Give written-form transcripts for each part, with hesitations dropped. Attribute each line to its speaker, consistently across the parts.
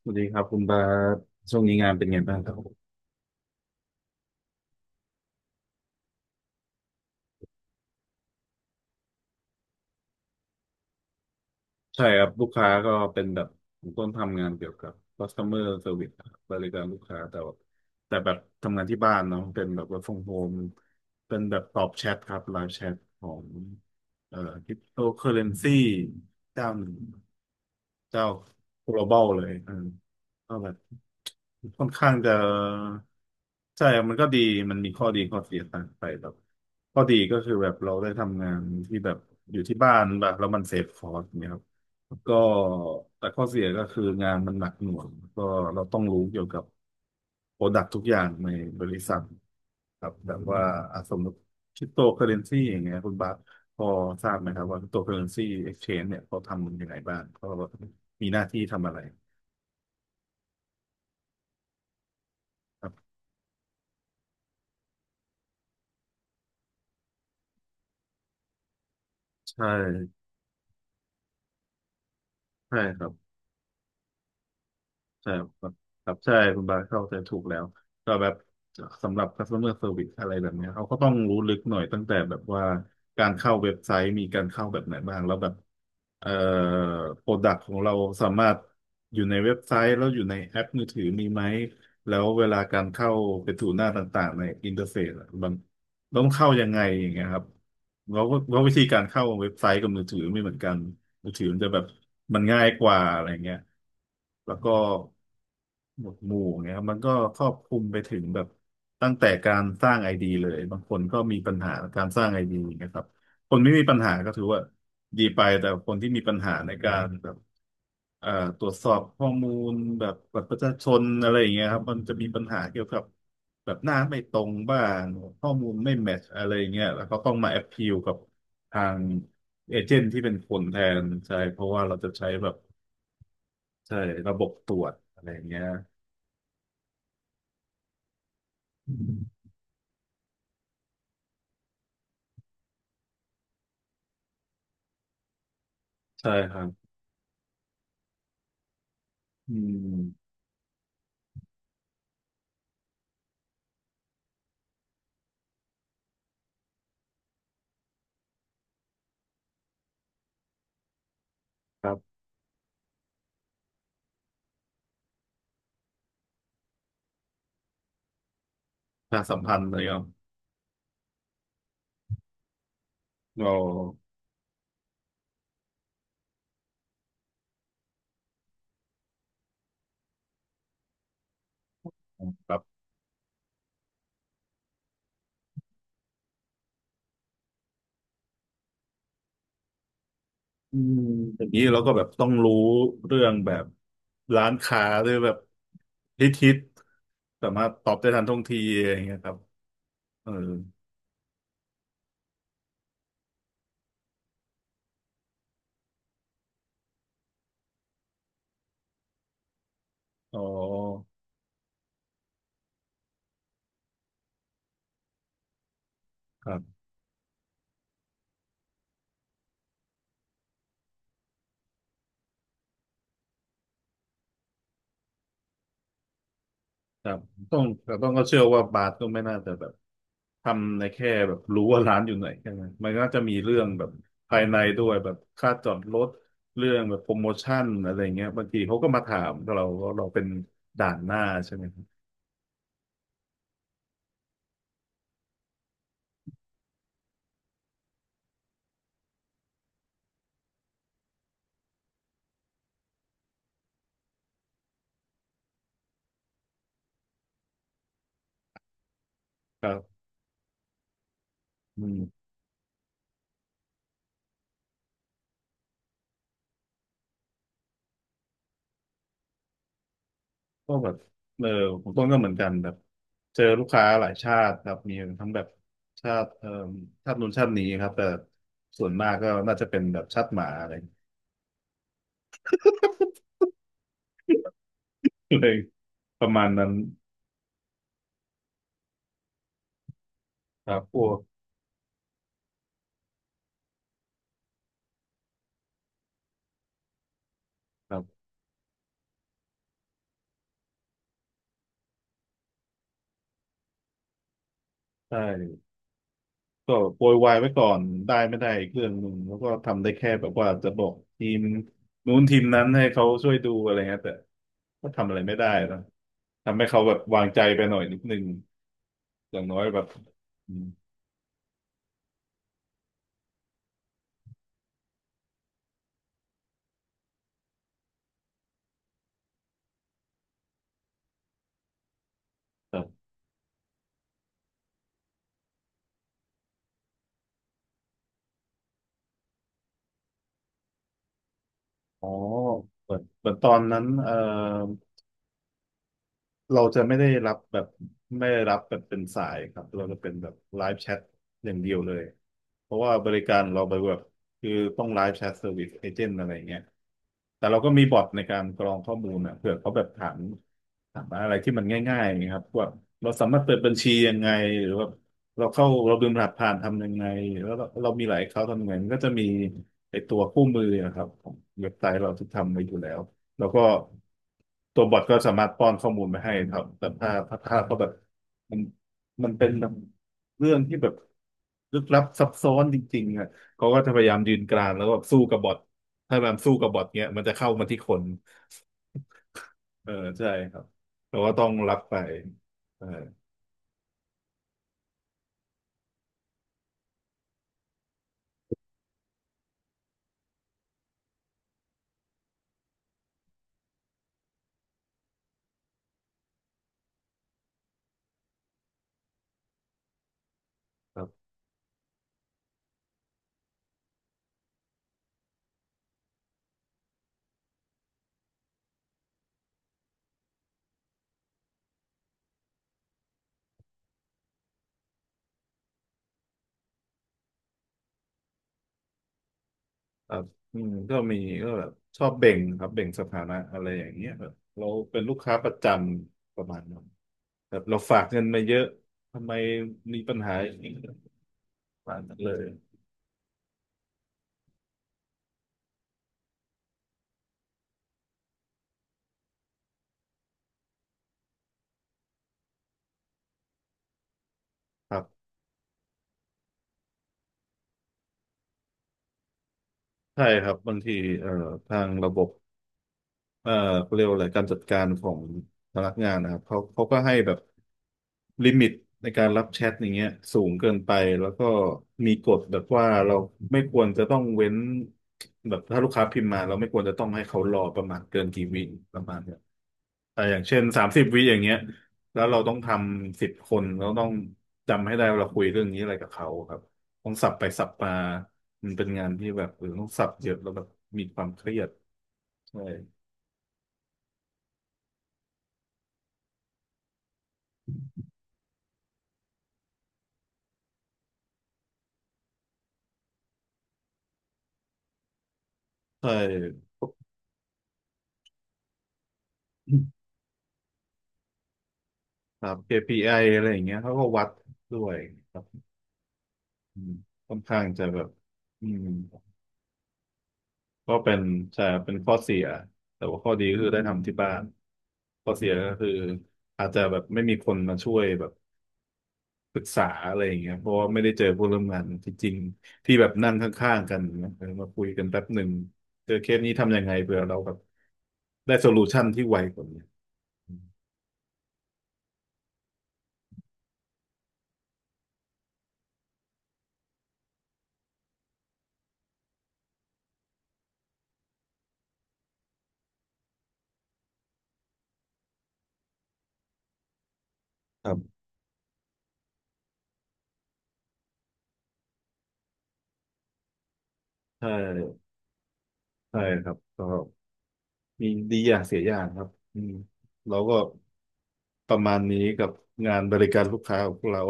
Speaker 1: สวัสดีครับคุณบาสช่วงนี้งานเป็นไงบ้างครับ ใช่ครับลูกค้าก็เป็นแบบผมต้นทำงานเกี่ยวกับ customer service ครับบริการลูกค้าแต่ว่าแบบทำงานที่บ้านเนาะเป็นแบบ work from home เป็นแบบตอบแชทครับไลฟ์แชทของเอ่อ cryptocurrency เจ้าหนึ่งเจ้า global เลยอืมก็แบบค่อนข้างจะใช่ครับมันก็ดีมันมีข้อดีข้อเสียต่างไปแบบข้อดีก็คือแบบเราได้ทำงานที่แบบอยู่ที่บ้านแบบแล้วมันเซฟคอสเนี่ยครับ ก็แต่ข้อเสียก็คืองานมันหนักหน่วงก็เราต้องรู้เกี่ยวกับโปรดักทุกอย่างในบริษัทครับแบบว่าอ่ะสมมติคริปโตเคอเรนซีอย่างเงี้ยคุณบาสพอทราบไหมครับว่าคริปโตเคอเรนซีเอ็กชแนนเนี่ยเขาทำมันยังไงบ้างเขามีหน้าที่ทำอะไรครับใช่ใช่ครับ ใช่ครับครับใช่คุณบาเข้าใจถูกแล้วก็แบบสำหรับ customer service อะไรแบบเนี้ยเขาก็ต้องรู้ลึกหน่อยตั้งแต่แบบว่าการเข้าเว็บไซต์มีการเข้าแบบไหนบ้างแล้วแบบเอ่อ product ของเราสามารถอยู่ในเว็บไซต์แล้วอยู่ในแอปมือถือมีไหมแล้วเวลาการเข้าไปถูหน้าต่างๆในอินเทอร์เฟซอะมันต้องเข้ายังไงอย่างเงี้ยครับเล้วก็ววิธีการเข้าเว็บไซต์กับมือถือไม่เหมือนกันมือถือมันจะแบบมันง่ายกว่าอะไรเงี้ย แล้วก็หมวดหมู่เงี้ยครับมันก็ครอบคลุมไปถึงแบบตั้งแต่การสร้างไอดีเลยบางคนก็มีปัญหาการสร้างไอดีนะครับคนไม่มีปัญหาก็ถือว่าดีไปแต่คนที่มีปัญหาในการแบบเอ่อตรวจสอบข้อมูลแบบบัตรประชาชนอะไรอย่างเงี้ยครับมันจะมีปัญหาเกี่ยวกับแบบหน้าไม่ตรงบ้างข้อมูลไม่แมทช์อะไรอย่างเงี้ยแล้วก็ต้องมาแอพพิลกับทางเอเจนต์ที่เป็นคนแทนใช่เพราะว่าเราจะใช้แบบ ใช่ระบบตรวจอะไรอย่างเงี้ยอืมใช่ครับอืมครับประชาสัมพันธ์อะไรครับเราแบบอืมอย่างนี้เราก็แบบต้องรู้เรื่องแบบร้านค้าหรือแบบฮิตสามารถตอบได้ทันท่วงทีอะไรอย่างเงี้ยครับเอออ๋อครับ ครับต้องแต่ต้องก็เชื่อว่าบาสก็ไม่น่าจะแบบทำในแค่แบบรู้ว่าร้านอยู่ไหนแค่นั้นมันน่าจะมีเรื่องแบบภายในด้วยแบบค่าจอดรถเรื่องแบบโปรโมชั่นอะไรเงี้ยบางทีเขาก็มาถามเราเป็นด่านหน้าใช่ไหมครับครับอืมก็แบบเออผมต้นก็เหมือนกันแบบเจอลูกค้าหลายชาติครับมีทั้งแบบชาติชาตินู้นชาตินี้ครับแต่ส่วนมากก็น่าจะเป็นแบบชาติหมาอะไร เลยประมาณนั้นครับพวกครับ ใช่ก็โปรยไว้ก่อนได้ไม่ได้อีกเรื่องหนึ่งแล้วก็ทำได้แค่แบบว่าจะบอกทีมนู้นทีมนั้นให้เขาช่วยดูอะไรเงี้ยแต่ก็ทำอะไรไม่ได้นะทำให้เขาแบบวางใจไปหน่อยนิดนึงอย่างน้อยแบบอืมแบบอ๋อเหมือนตอนนั้นเราจะไม่ได้รับแบบไม่ได้รับแบบเป็นสายครับเราจะเป็นแบบไลฟ์แชทอย่างเดียวเลยเพราะว่าบริการเราไปแบบคือต้องไลฟ์แชทเซอร์วิสเอเจนต์อะไรเงี้ยแต่เราก็มีบอทในการกรองข้อมูลนะเผื่อเขาแบบถามอะไรที่มันง่ายๆนะครับว่าเราสามารถเปิดบัญชียังไงหรือว่าเราลืมรหัสผ่านทำยังไงแล้วเรามีหลายเขาทำยังไงมันก็จะมีไอตัวคู่มือนะครับของเว็บไซต์เราที่ทำไว้อยู่แล้ว แล้วก็ตัวบอทก็สามารถป้อนข้อมูลมาให้ครับแต่ถ้าเขาแบบมันมันเป็นแบบเรื่องที่แบบลึกลับซับซ้อนจริงๆอ่ะเขาก็จะพยายามยืนกรานแล้วก็แบบสู้กับบอทถ้ามันสู้กับบอทเนี้ยมันจะเข้ามาที่คนเออใช่ครับแต่ว่าต้องรับไปเออครับ ครับอืมก็มีก็แบบชอบเบ่งครับเบ่งสถานะอะไรอย่างเงี้ยแบบเราเป็นลูกค้าประจำประมาณนั้นแบบเราฝากเงินมาเยอะทำไมมีปัญหาอย่างนี้ประมาณนั้นเลยครับใช่ครับบางทีเอ่อทางระบบ เอ่อเขาเรียกว่าอะไรการจัดการของพนักงานนะครับเขาก็ให้แบบลิมิตในการรับแชทอย่างเงี้ยสูงเกินไปแล้วก็มีกฎแบบว่าเราไม่ควรจะต้องเว้นแบบถ้าลูกค้าพิมพ์มาเราไม่ควรจะต้องให้เขารอประมาณเกินกี่วิประมาณเนี้ยแต่ออย่างเช่น30 วิอย่างเงี้ยแล้วเราต้องทำ10 คนเราต้องจำให้ได้ว่าเราคุยเรื่องนี้อะไรกับเขาครับต้องสับไปสับมามันเป็นงานที่แบบเออต้องสับเยอะแล้วแบบมีความเครียดใช่ใช่ ครับ KPI ออะไรอย่างเงี้ยเขาก็วัดด้วยครับอืมค่อนข้างจะแบบอืมก็เป็นใช่เป็นข้อเสียแต่ว่าข้อดีก็คือได้ทำที่บ้านข้อเสียก็คืออาจจะแบบไม่มีคนมาช่วยแบบปรึกษาอะไรอย่างเงี้ยเพราะว่าไม่ได้เจอผู้ร่วมงานที่จริงที่แบบนั่งข้างๆกันนะเออมาคุยกันแป๊บหนึ่งเจอเคสนี้ทำยังไงเผื่อเราแบบได้โซลูชันที่ไวกว่านี้ครับใช่ใช่ครับก็ มีดีอย่างเสียอย่างครับอืมเราก็ประมาณนี้กับงานบริการลูกค้าของพวกเรา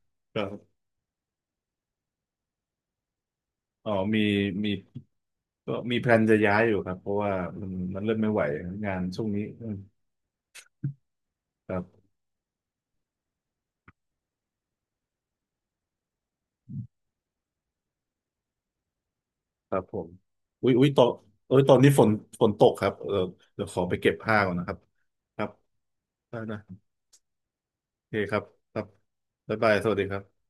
Speaker 1: ครับอ๋อมีก็มีแพลนจะย้ายอยู่ครับเพราะว่ามันเริ่มไม่ไหวงานช่วงนี้อืมครับครับผมอุ๊ยตอนเอ้ยตอนนี้ฝนตกครับเออเดี๋ยวขอไปเก็บผ้าก่อนนะครับครับได้นะโอเคครับครับบ๊ายบายสวัสดีครับ